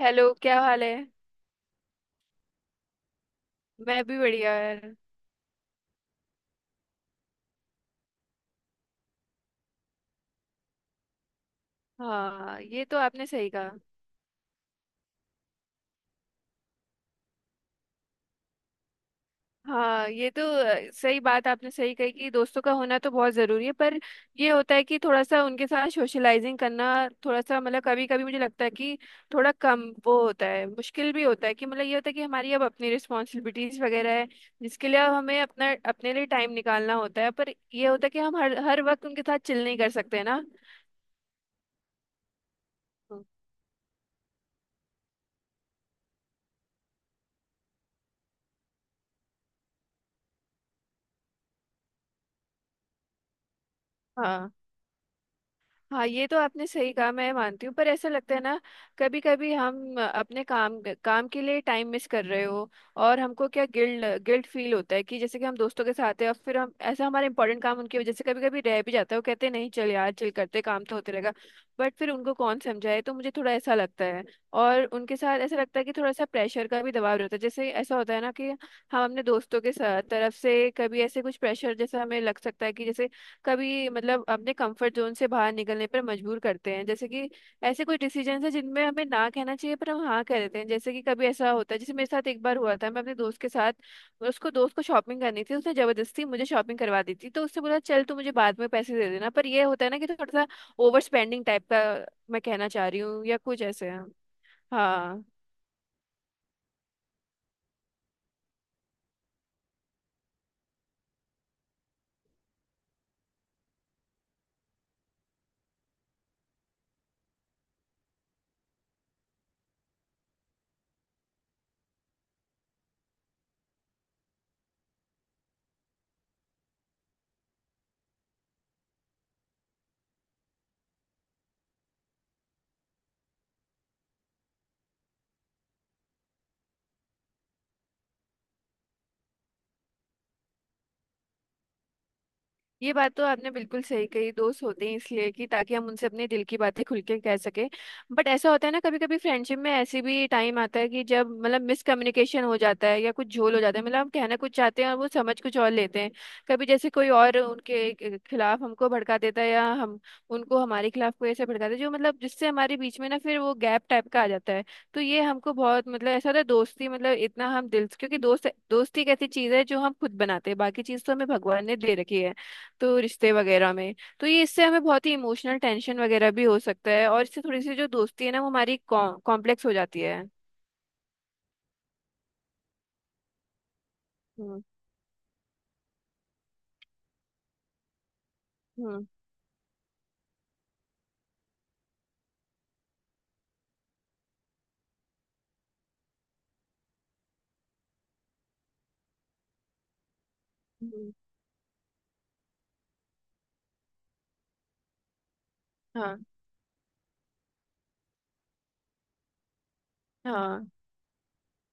Hello, क्या हाल है? मैं भी बढ़िया, यार। हाँ, ये तो आपने सही कहा। हाँ, ये तो सही बात आपने सही कही कि दोस्तों का होना तो बहुत ज़रूरी है। पर ये होता है कि थोड़ा सा उनके साथ सोशलाइजिंग करना, थोड़ा सा मतलब कभी कभी मुझे लगता है कि थोड़ा कम वो होता है, मुश्किल भी होता है कि मतलब ये होता है कि हमारी अब अपनी रिस्पॉन्सिबिलिटीज वगैरह है, जिसके लिए अब हमें अपना अपने लिए टाइम निकालना होता है। पर ये होता है कि हम हर हर वक्त उनके साथ चिल नहीं कर सकते ना। हाँ। हाँ, ये तो आपने सही कहा, मैं मानती हूँ। पर ऐसा लगता है ना, कभी कभी हम अपने काम काम के लिए टाइम मिस कर रहे हो और हमको क्या गिल्ड गिल्ट फील होता है कि जैसे कि हम दोस्तों के साथ है और फिर हम ऐसा हमारा इंपॉर्टेंट काम उनकी वजह से कभी कभी रह भी जाता है। वो कहते हैं, नहीं चल यार, चल करते, काम तो होते रहेगा। बट फिर उनको कौन समझाए? तो मुझे थोड़ा ऐसा लगता है। और उनके साथ ऐसा लगता है कि थोड़ा सा प्रेशर का भी दबाव रहता है। जैसे ऐसा होता है ना कि हम अपने दोस्तों के साथ तरफ से कभी ऐसे कुछ प्रेशर जैसा हमें लग सकता है कि जैसे कभी मतलब अपने कंफर्ट जोन से बाहर निकलने पर मजबूर करते हैं। जैसे कि ऐसे कोई डिसीजन है जिनमें हमें ना कहना चाहिए पर हम हाँ कह देते हैं। जैसे कि कभी ऐसा होता है, जैसे मेरे साथ एक बार हुआ था। मैं अपने दोस्त के साथ, उसको दोस्त को शॉपिंग करनी थी, उसने जबरदस्ती मुझे शॉपिंग करवा दी थी। तो उससे बोला, चल तू मुझे बाद में पैसे दे देना। पर ये होता है ना कि थोड़ा सा ओवर स्पेंडिंग टाइप का मैं कहना चाह रही हूँ, या कुछ ऐसे है। हाँ। ये बात तो आपने बिल्कुल सही कही, दोस्त होते हैं इसलिए कि ताकि हम उनसे अपने दिल की बातें खुल के कह सके। बट ऐसा होता है ना, कभी कभी फ्रेंडशिप में ऐसे भी टाइम आता है कि जब मतलब मिसकम्युनिकेशन हो जाता है या कुछ झोल हो जाता है, मतलब हम कहना कुछ चाहते हैं और वो समझ कुछ और लेते हैं। कभी जैसे कोई और उनके खिलाफ हमको भड़का देता है, या हम उनको हमारे खिलाफ कोई ऐसे भड़काता है जो मतलब जिससे हमारे बीच में ना फिर वो गैप टाइप का आ जाता है। तो ये हमको बहुत मतलब ऐसा होता है, दोस्ती मतलब इतना हम क्योंकि दोस्ती एक ऐसी चीज है जो हम खुद बनाते हैं, बाकी चीज तो हमें भगवान ने दे रखी है, तो रिश्ते वगैरह में। तो ये इससे हमें बहुत ही इमोशनल टेंशन वगैरह भी हो सकता है, और इससे थोड़ी सी जो दोस्ती है ना वो हमारी कॉम्प्लेक्स हो जाती है। हम्म। हम्म। हम्म। हाँ। हाँ,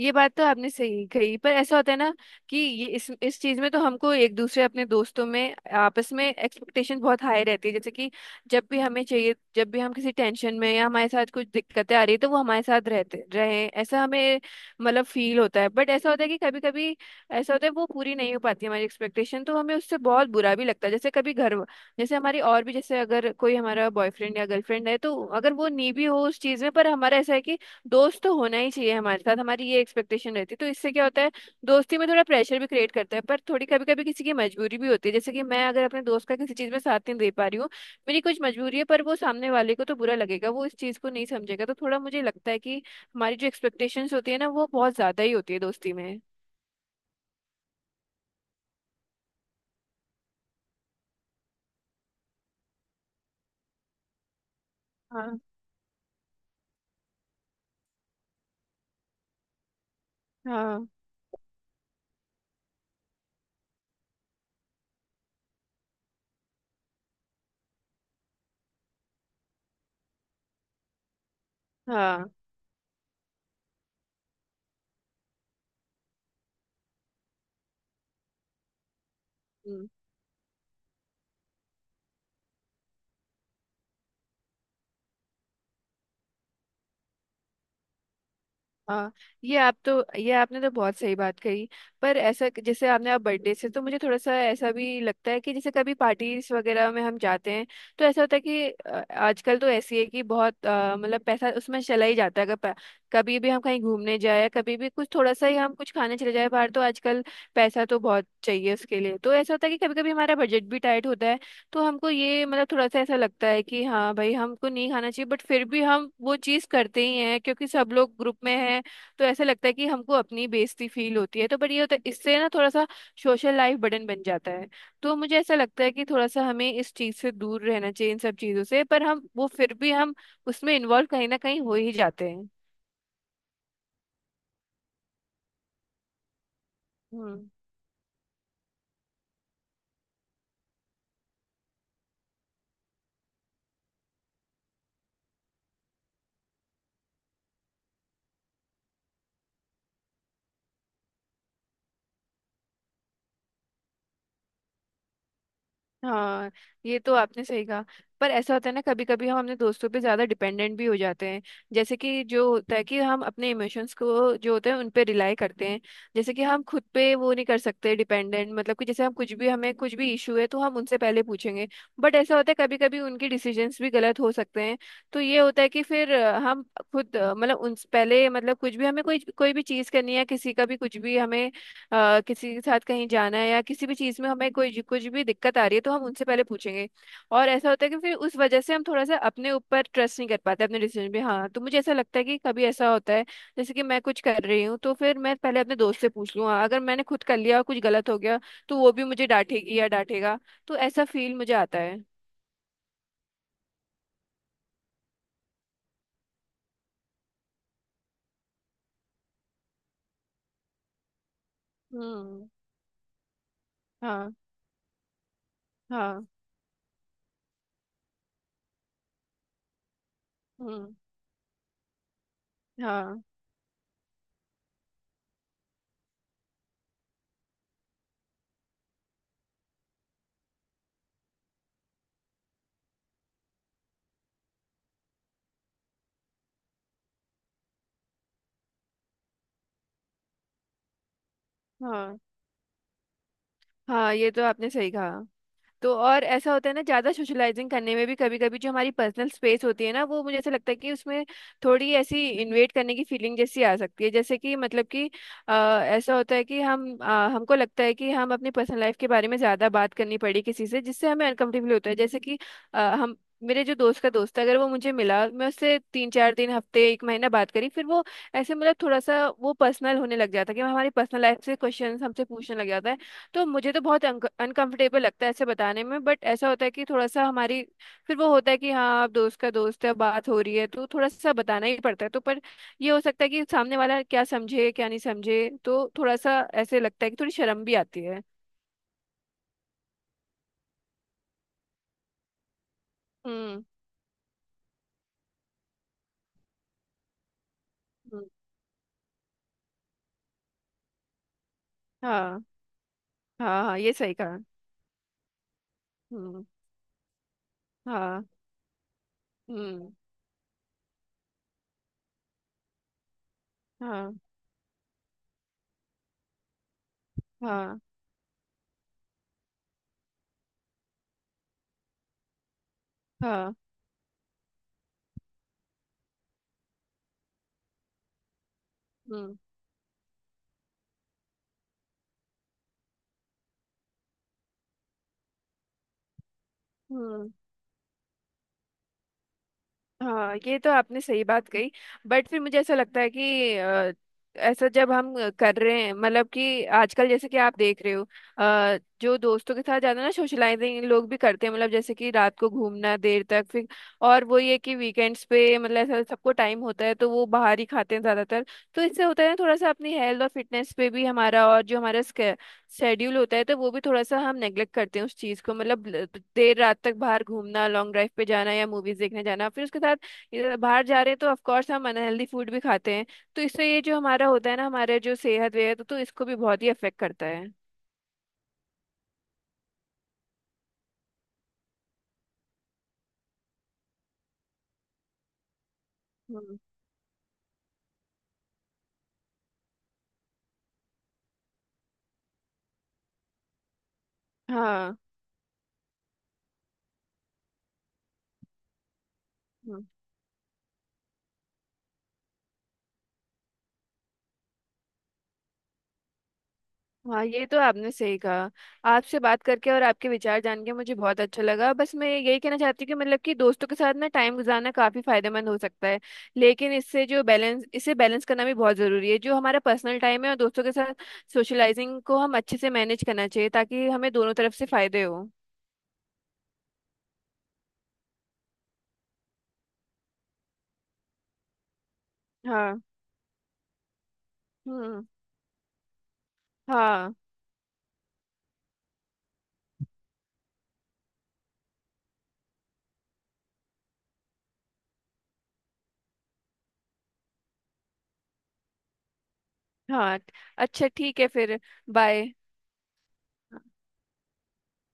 ये बात तो आपने सही कही। पर ऐसा होता है ना कि ये इस चीज में तो हमको एक दूसरे अपने दोस्तों में आपस में एक्सपेक्टेशन बहुत हाई रहती है। जैसे कि जब भी हमें चाहिए, जब भी हम किसी टेंशन में या हमारे साथ कुछ दिक्कतें आ रही है तो वो हमारे साथ रहते रहे, ऐसा हमें मतलब फील होता है। बट ऐसा होता है कि कभी कभी ऐसा होता है वो पूरी नहीं हो पाती हमारी एक्सपेक्टेशन, तो हमें उससे बहुत बुरा भी लगता है। जैसे कभी घर, जैसे हमारी और भी जैसे अगर कोई हमारा बॉयफ्रेंड या गर्लफ्रेंड है तो अगर वो नहीं भी हो उस चीज में, पर हमारा ऐसा है कि दोस्त तो होना ही चाहिए हमारे साथ, हमारी ये एक्सपेक्टेशन रहती है। तो इससे क्या होता है, दोस्ती में थोड़ा प्रेशर भी क्रिएट करता है। पर थोड़ी कभी कभी किसी की मजबूरी भी होती है, जैसे कि मैं अगर अपने दोस्त का किसी चीज में साथ नहीं दे पा रही हूँ, मेरी कुछ मजबूरी है पर वो सामने वाले को तो बुरा लगेगा, वो इस चीज को नहीं समझेगा। तो थोड़ा मुझे लगता है कि हमारी जो एक्सपेक्टेशंस होती है ना वो बहुत ज्यादा ही होती है दोस्ती में। हाँ। हाँ। हाँ। हाँ। ये आप तो ये आपने तो बहुत सही बात कही। पर ऐसा जैसे आपने आप बर्थडे से तो मुझे थोड़ा सा ऐसा भी लगता है कि जैसे कभी पार्टीज वगैरह में हम जाते हैं, तो ऐसा होता है कि आजकल तो ऐसी है कि बहुत मतलब पैसा उसमें चला ही जाता है। अगर कभी भी हम कहीं घूमने जाए, कभी भी कुछ थोड़ा सा ही हम कुछ खाने चले जाए बाहर, तो आजकल पैसा तो बहुत चाहिए उसके लिए। तो ऐसा होता है कि कभी कभी हमारा बजट भी टाइट होता है, तो हमको ये मतलब थोड़ा सा ऐसा लगता है कि हाँ भाई, हमको नहीं खाना चाहिए। बट फिर भी हम वो चीज़ करते ही हैं क्योंकि सब लोग ग्रुप में हैं, तो ऐसा लगता है कि हमको अपनी बेइज्जती फील होती है। तो बट ये होता है इससे ना थोड़ा सा सोशल लाइफ बर्डन बन जाता है। तो मुझे ऐसा लगता है कि थोड़ा सा हमें इस चीज़ से दूर रहना चाहिए, इन सब चीज़ों से। पर हम वो फिर भी हम उसमें इन्वॉल्व कहीं ना कहीं हो ही जाते हैं। हम्म। हाँ, ये तो आपने सही कहा। पर ऐसा होता है ना, कभी कभी हम अपने दोस्तों पे ज्यादा डिपेंडेंट भी हो जाते हैं। जैसे कि जो होता है कि हम अपने इमोशंस को जो होते हैं उन पे रिलाई करते हैं, जैसे कि हम खुद पे वो नहीं कर सकते। डिपेंडेंट मतलब कि जैसे हम कुछ भी हमें कुछ भी इशू है तो हम उनसे पहले पूछेंगे। बट ऐसा होता है कभी कभी उनके डिसीजंस भी गलत हो सकते हैं। तो ये होता है कि फिर हम खुद मतलब उन पहले मतलब कुछ भी हमें कोई कोई भी चीज़ करनी है, किसी का भी कुछ भी हमें किसी के साथ कहीं जाना है या किसी भी चीज़ में हमें कोई कुछ भी दिक्कत आ रही है, तो हम उनसे पहले पूछेंगे। और ऐसा होता है कि फिर उस वजह से हम थोड़ा सा अपने ऊपर ट्रस्ट नहीं कर पाते अपने डिसीजन पे। हाँ, तो मुझे ऐसा लगता है कि कभी ऐसा होता है, जैसे कि मैं कुछ कर रही हूँ तो फिर मैं पहले अपने दोस्त से पूछ लूँ। हाँ, अगर मैंने खुद कर लिया और कुछ गलत हो गया तो वो भी मुझे डांटेगी या डांटेगा। तो ऐसा फील मुझे आता है। हम्म। हाँ। हाँ। हम्म। हाँ। हाँ। हाँ, ये तो आपने सही कहा। तो और ऐसा होता है ना, ज्यादा सोशलाइजिंग करने में भी कभी कभी जो हमारी पर्सनल स्पेस होती है ना, वो मुझे ऐसा लगता है कि उसमें थोड़ी ऐसी इन्वेट करने की फीलिंग जैसी आ सकती है। जैसे कि मतलब कि अ, ऐसा होता है कि हमको लगता है कि हम अपनी पर्सनल लाइफ के बारे में ज्यादा बात करनी पड़ी किसी से, जिससे हमें अनकंफर्टेबल होता है। जैसे कि अ, हम मेरे जो दोस्त का दोस्त है, अगर वो मुझे मिला, मैं उससे 3-4 दिन, हफ्ते, एक महीना बात करी, फिर वो ऐसे मतलब थोड़ा सा वो पर्सनल होने लग जाता है कि हमारी पर्सनल लाइफ से क्वेश्चन हमसे पूछने लग जाता है। तो मुझे तो बहुत अनकंफर्टेबल लगता है ऐसे बताने में। बट ऐसा होता है कि थोड़ा सा हमारी फिर वो होता है कि हाँ आप दोस्त का दोस्त है, बात हो रही है तो थोड़ा सा बताना ही पड़ता है। तो पर ये हो सकता है कि सामने वाला क्या समझे क्या नहीं समझे, तो थोड़ा सा ऐसे लगता है कि थोड़ी शर्म भी आती है। हम्म। हम्म। हाँ। हाँ। हाँ, ये सही कहा। हम्म। हाँ। हम्म। हाँ। हाँ। हाँ। हम्म। हम्म। हाँ, ये तो आपने सही बात कही। बट फिर मुझे ऐसा लगता है कि ऐसा जब हम कर रहे हैं, मतलब कि आजकल जैसे कि आप देख रहे हो, जो दोस्तों के साथ जाना ना सोशलाइजिंग लोग भी करते हैं मतलब, जैसे कि रात को घूमना देर तक, फिर और वो ये कि वीकेंड्स पे मतलब ऐसा सबको टाइम होता है, तो वो बाहर ही खाते हैं ज्यादातर। तो इससे होता है ना, थोड़ा सा अपनी हेल्थ और फिटनेस पे भी हमारा और जो हमारा शेड्यूल होता है तो वो भी थोड़ा सा हम नेग्लेक्ट करते हैं उस चीज को, मतलब देर रात तक बाहर घूमना, लॉन्ग ड्राइव पे जाना या मूवीज देखने जाना, फिर उसके साथ ये बाहर जा रहे हैं तो ऑफ कोर्स हम अनहेल्दी फूड भी खाते हैं। तो इससे ये जो हमारा होता है ना हमारे जो सेहत वेहत तो इसको भी बहुत ही अफेक्ट करता है। हम्म। हाँ। हाँ, ये तो आपने सही कहा। आपसे बात करके और आपके विचार जान के मुझे बहुत अच्छा लगा। बस मैं यही कहना चाहती हूँ कि मतलब कि दोस्तों के साथ ना टाइम गुजारना काफी फायदेमंद हो सकता है, लेकिन इससे जो बैलेंस, इसे बैलेंस करना भी बहुत जरूरी है, जो हमारा पर्सनल टाइम है और दोस्तों के साथ सोशलाइजिंग को हम अच्छे से मैनेज करना चाहिए ताकि हमें दोनों तरफ से फायदे हो। हाँ। हम्म। हाँ। हाँ। अच्छा, ठीक है फिर। बाय।